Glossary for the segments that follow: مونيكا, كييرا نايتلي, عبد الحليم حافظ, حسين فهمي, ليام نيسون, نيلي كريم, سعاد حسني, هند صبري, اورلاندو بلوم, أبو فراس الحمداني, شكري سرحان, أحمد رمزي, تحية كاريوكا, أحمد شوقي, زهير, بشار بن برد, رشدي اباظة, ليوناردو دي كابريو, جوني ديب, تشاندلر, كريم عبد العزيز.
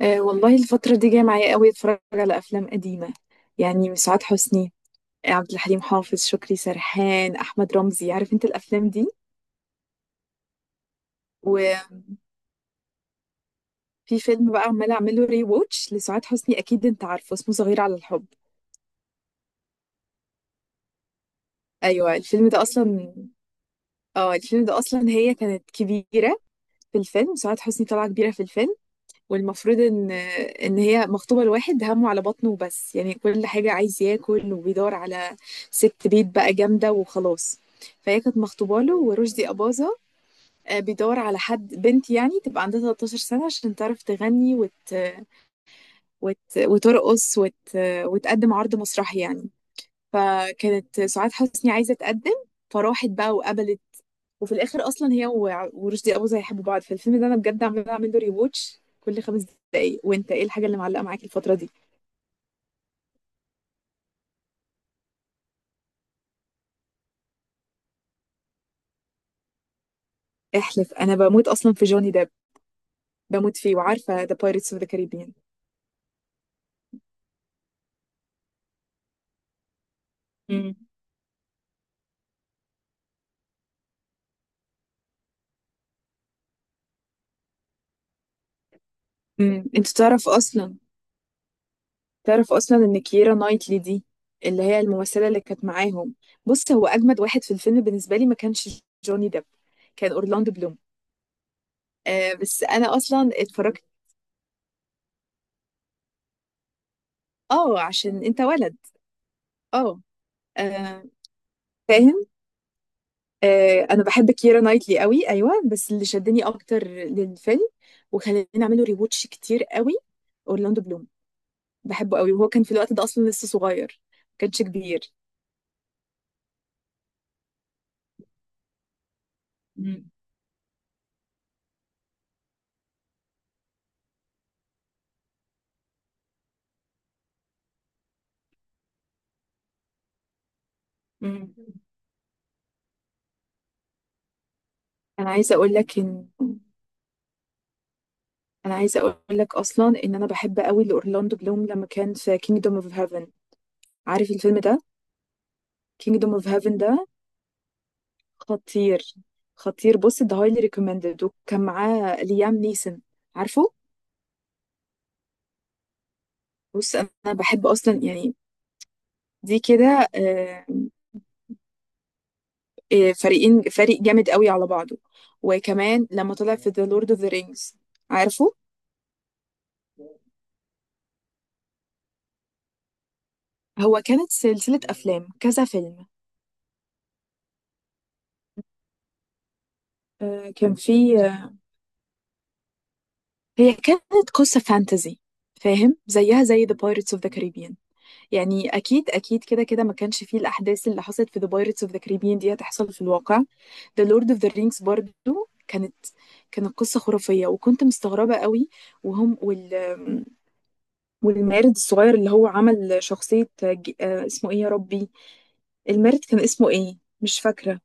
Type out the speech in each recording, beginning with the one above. أه، والله الفترة دي جاية معايا قوي، اتفرج على أفلام قديمة. يعني سعاد حسني، عبد الحليم حافظ، شكري سرحان، أحمد رمزي، عارف انت الأفلام دي. وفي فيلم بقى عمالة أعمله ري ووتش لسعاد حسني، أكيد انت عارفه، اسمه صغير على الحب. أيوة، الفيلم ده أصلا. اه الفيلم ده أصلا هي كانت كبيرة في الفيلم، سعاد حسني طالعة كبيرة في الفيلم. والمفروض ان هي مخطوبه لواحد همه على بطنه وبس، يعني كل حاجه عايز ياكل وبيدور على ست بيت بقى جامده وخلاص. فهي كانت مخطوبه له ورشدي اباظه. بيدور على حد بنت يعني تبقى عندها 13 سنه عشان تعرف تغني وترقص وتقدم عرض مسرحي يعني. فكانت سعاد حسني عايزه تقدم، فراحت بقى وقبلت. وفي الاخر اصلا هي ورشدي اباظة هيحبوا بعض، فالفيلم ده انا بجد عماله اعمل له ريواتش كل 5 دقايق. وانت ايه الحاجه اللي معلقه معاك الفتره دي؟ احلف، انا بموت اصلا في جوني ديب، بموت فيه، وعارفه ذا بايرتس اوف ذا كاريبيان. امم انت تعرف اصلا ان كييرا نايتلي دي اللي هي الممثله اللي كانت معاهم، بص هو اجمد واحد في الفيلم بالنسبه لي ما كانش جوني ديب، كان اورلاندو بلوم. آه، بس انا اصلا اتفرجت. اه، عشان انت ولد. اه. آه. فاهم. انا بحب كيرا نايتلي قوي، ايوه، بس اللي شدني اكتر للفيلم وخلاني اعمله ريواتش كتير قوي اورلاندو بلوم، بحبه قوي. وهو كان في الوقت ده اصلا لسه صغير، ما كانش كبير. مم. مم. انا عايزه اقول لك ان انا عايزه اقول لك اصلا ان انا بحب قوي لاورلاندو بلوم لما كان في كينجدوم اوف هيفن، عارف الفيلم ده؟ كينجدوم اوف هيفن ده خطير، خطير. بص، ده هايلي ريكومندد، وكان معاه ليام نيسون، عارفه. بص انا بحب اصلا يعني دي كده، فريق جامد قوي على بعضه. وكمان لما طلع في The Lord of the Rings، عارفه. هو كانت سلسلة أفلام كذا فيلم، كان في هي كانت قصة فانتزي، فاهم، زيها زي The Pirates of the Caribbean. يعني أكيد أكيد كده كده ما كانش فيه الأحداث اللي حصلت في The Pirates of the Caribbean دي هتحصل في الواقع. The Lord of the Rings برضو كانت كانت قصة خرافية، وكنت مستغربة قوي. وهم والمارد الصغير اللي هو عمل شخصية اسمه ايه يا ربي؟ المارد كان اسمه ايه مش فاكرة.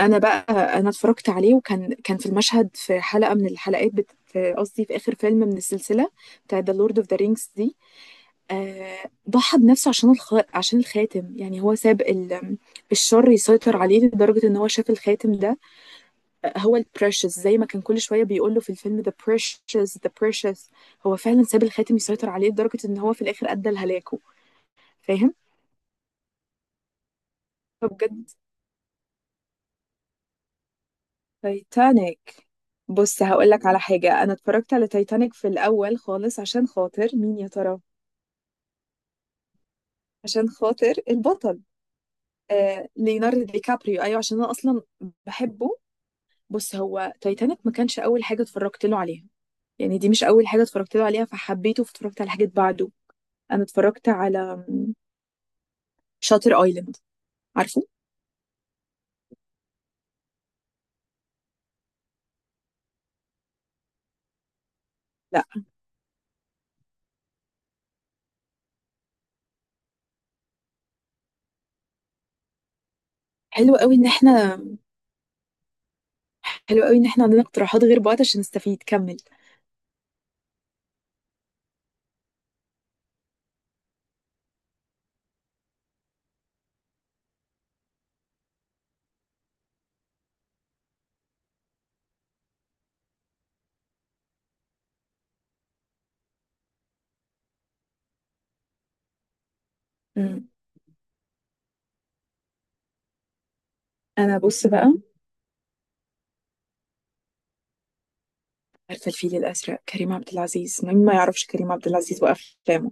انا بقى انا اتفرجت عليه، وكان في المشهد في حلقة من الحلقات في قصدي في اخر فيلم من السلسلة بتاع ذا لورد اوف ذا رينجز دي. ضحى بنفسه عشان الخاتم، يعني هو ساب الشر يسيطر عليه لدرجة ان هو شاف الخاتم ده. هو البريشس، زي ما كان كل شوية بيقول له في الفيلم ذا بريشس ذا بريشس. هو فعلا ساب الخاتم يسيطر عليه لدرجة ان هو في الاخر ادى لهلاكه. فاهم؟ بجد، تايتانيك. بص هقول لك على حاجة، أنا اتفرجت على تايتانيك في الأول خالص عشان خاطر مين يا ترى؟ عشان خاطر البطل، ليوناردو دي كابريو، أيوه، عشان أنا أصلا بحبه. بص هو تايتانيك ما كانش أول حاجة اتفرجت له عليها، يعني دي مش أول حاجة اتفرجت له عليها، فحبيته، فاتفرجت على حاجات بعده. أنا اتفرجت على شاتر أيلاند، عارفه؟ لا. حلو قوي إن احنا حلو قوي إن احنا عندنا اقتراحات غير بعض عشان نستفيد، كمل. مم. أنا بص بقى، عارفة الفيل الأزرق، كريم عبد العزيز، مين ما يعرفش كريم عبد العزيز وأفلامه؟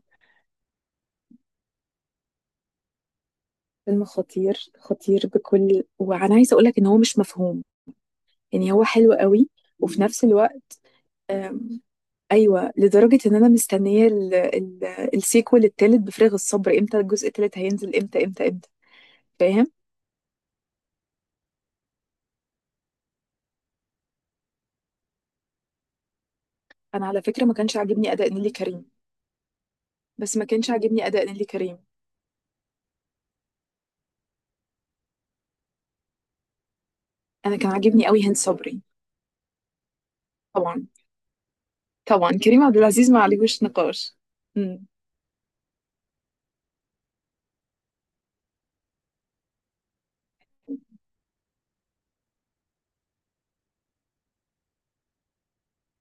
فيلم خطير، خطير، وأنا عايزة أقولك إن هو مش مفهوم، يعني هو حلو قوي، وفي نفس الوقت آم، أيوة، لدرجة إن أنا مستنية السيكوال التالت بفارغ الصبر، إمتى الجزء التالت هينزل؟ إمتى إمتى إمتى؟ فاهم. أنا على فكرة ما كانش عاجبني أداء نيلي كريم، بس ما كانش عاجبني أداء نيلي كريم. أنا كان عاجبني قوي هند صبري، طبعا. طبعا كريم عبد العزيز ما عليهوش نقاش. مم.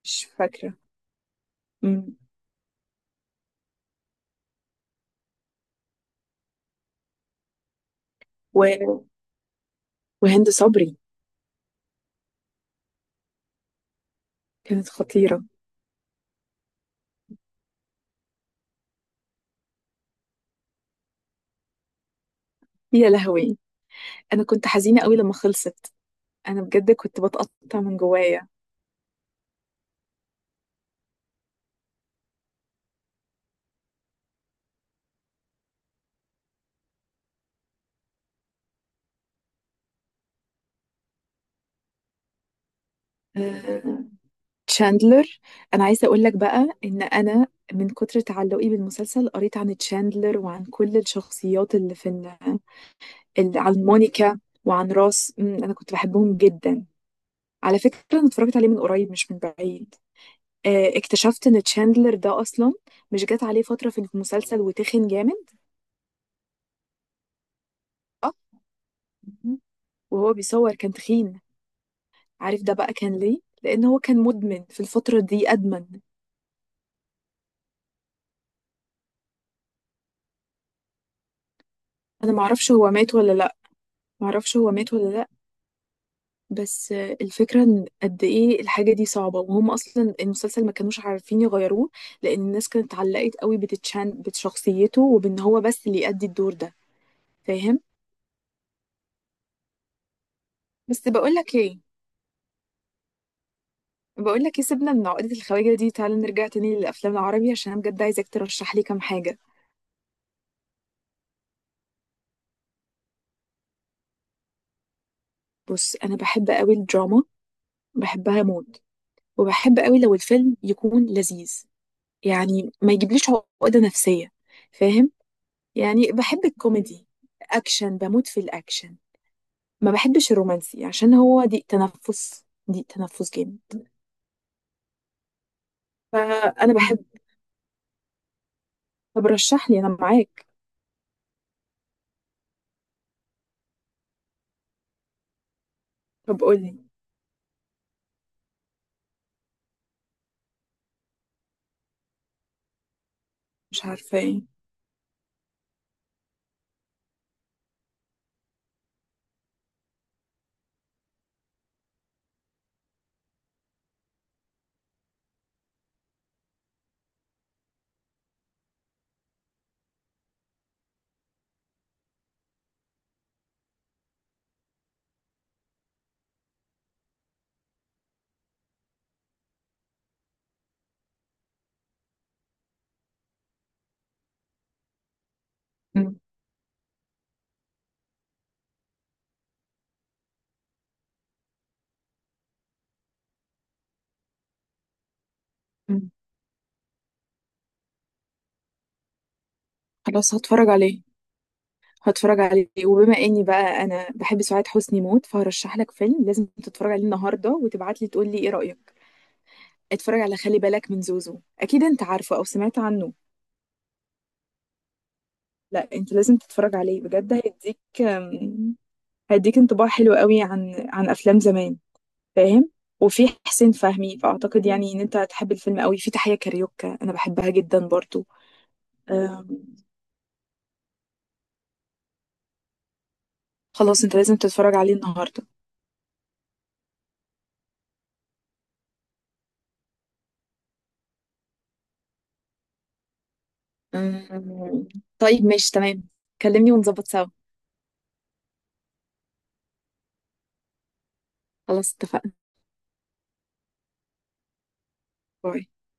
مش فاكرة. مم. و... وهند صبري كانت خطيرة. يا لهوي، أنا كنت حزينة قوي لما خلصت، أنا بجد كنت بتقطع من جوايا. آه، تشاندلر. أنا عايزة أقول لك بقى إن أنا من كتر تعلقي بالمسلسل قريت عن تشاندلر وعن كل الشخصيات اللي في اللي عن مونيكا وعن راس، أنا كنت بحبهم جدا. على فكرة أنا اتفرجت عليه من قريب مش من بعيد، اكتشفت إن تشاندلر ده أصلا مش جات عليه فترة في المسلسل وتخن جامد، صح؟ وهو بيصور كان تخين. عارف ده بقى كان ليه؟ لان هو كان مدمن في الفتره دي، ادمن. انا معرفش هو مات ولا لا، معرفش هو مات ولا لا. بس الفكره ان قد ايه الحاجه دي صعبه، وهم اصلا المسلسل ما كانوش عارفين يغيروه، لان الناس كانت اتعلقت قوي بتتشان بشخصيته وبان هو بس اللي يأدي الدور ده، فاهم. بس بقول لك ايه سيبنا من عقده الخواجه دي، تعالى نرجع تاني للافلام العربي عشان انا بجد عايزاك ترشح لي كام حاجه. بص انا بحب قوي الدراما، بحبها موت، وبحب قوي لو الفيلم يكون لذيذ، يعني ما يجيبليش عقدة نفسية، فاهم. يعني بحب الكوميدي، اكشن، بموت في الاكشن، ما بحبش الرومانسي عشان هو ضيق تنفس، ضيق تنفس جامد. فانا بحب، طب رشح لي انا معاك، طب قول لي. مش عارفة ايه. مم. مم. خلاص هتفرج عليه. هتفرج عليه، وبما اني بقى انا بحب سعاد حسني موت فهرشح لك فيلم لازم تتفرج عليه النهارده، وتبعت لي تقول لي ايه رأيك. اتفرج على خلي بالك من زوزو، اكيد انت عارفه او سمعت عنه. لا، انت لازم تتفرج عليه بجد، هيديك انطباع حلو قوي عن افلام زمان، فاهم. وفي حسين فهمي، فاعتقد يعني ان انت هتحب الفيلم قوي، في تحية كاريوكا انا بحبها جدا برضو. أم، خلاص انت لازم تتفرج عليه النهارده. أم، طيب ماشي تمام. كلمني ونظبط سوا. خلاص اتفقنا. باي.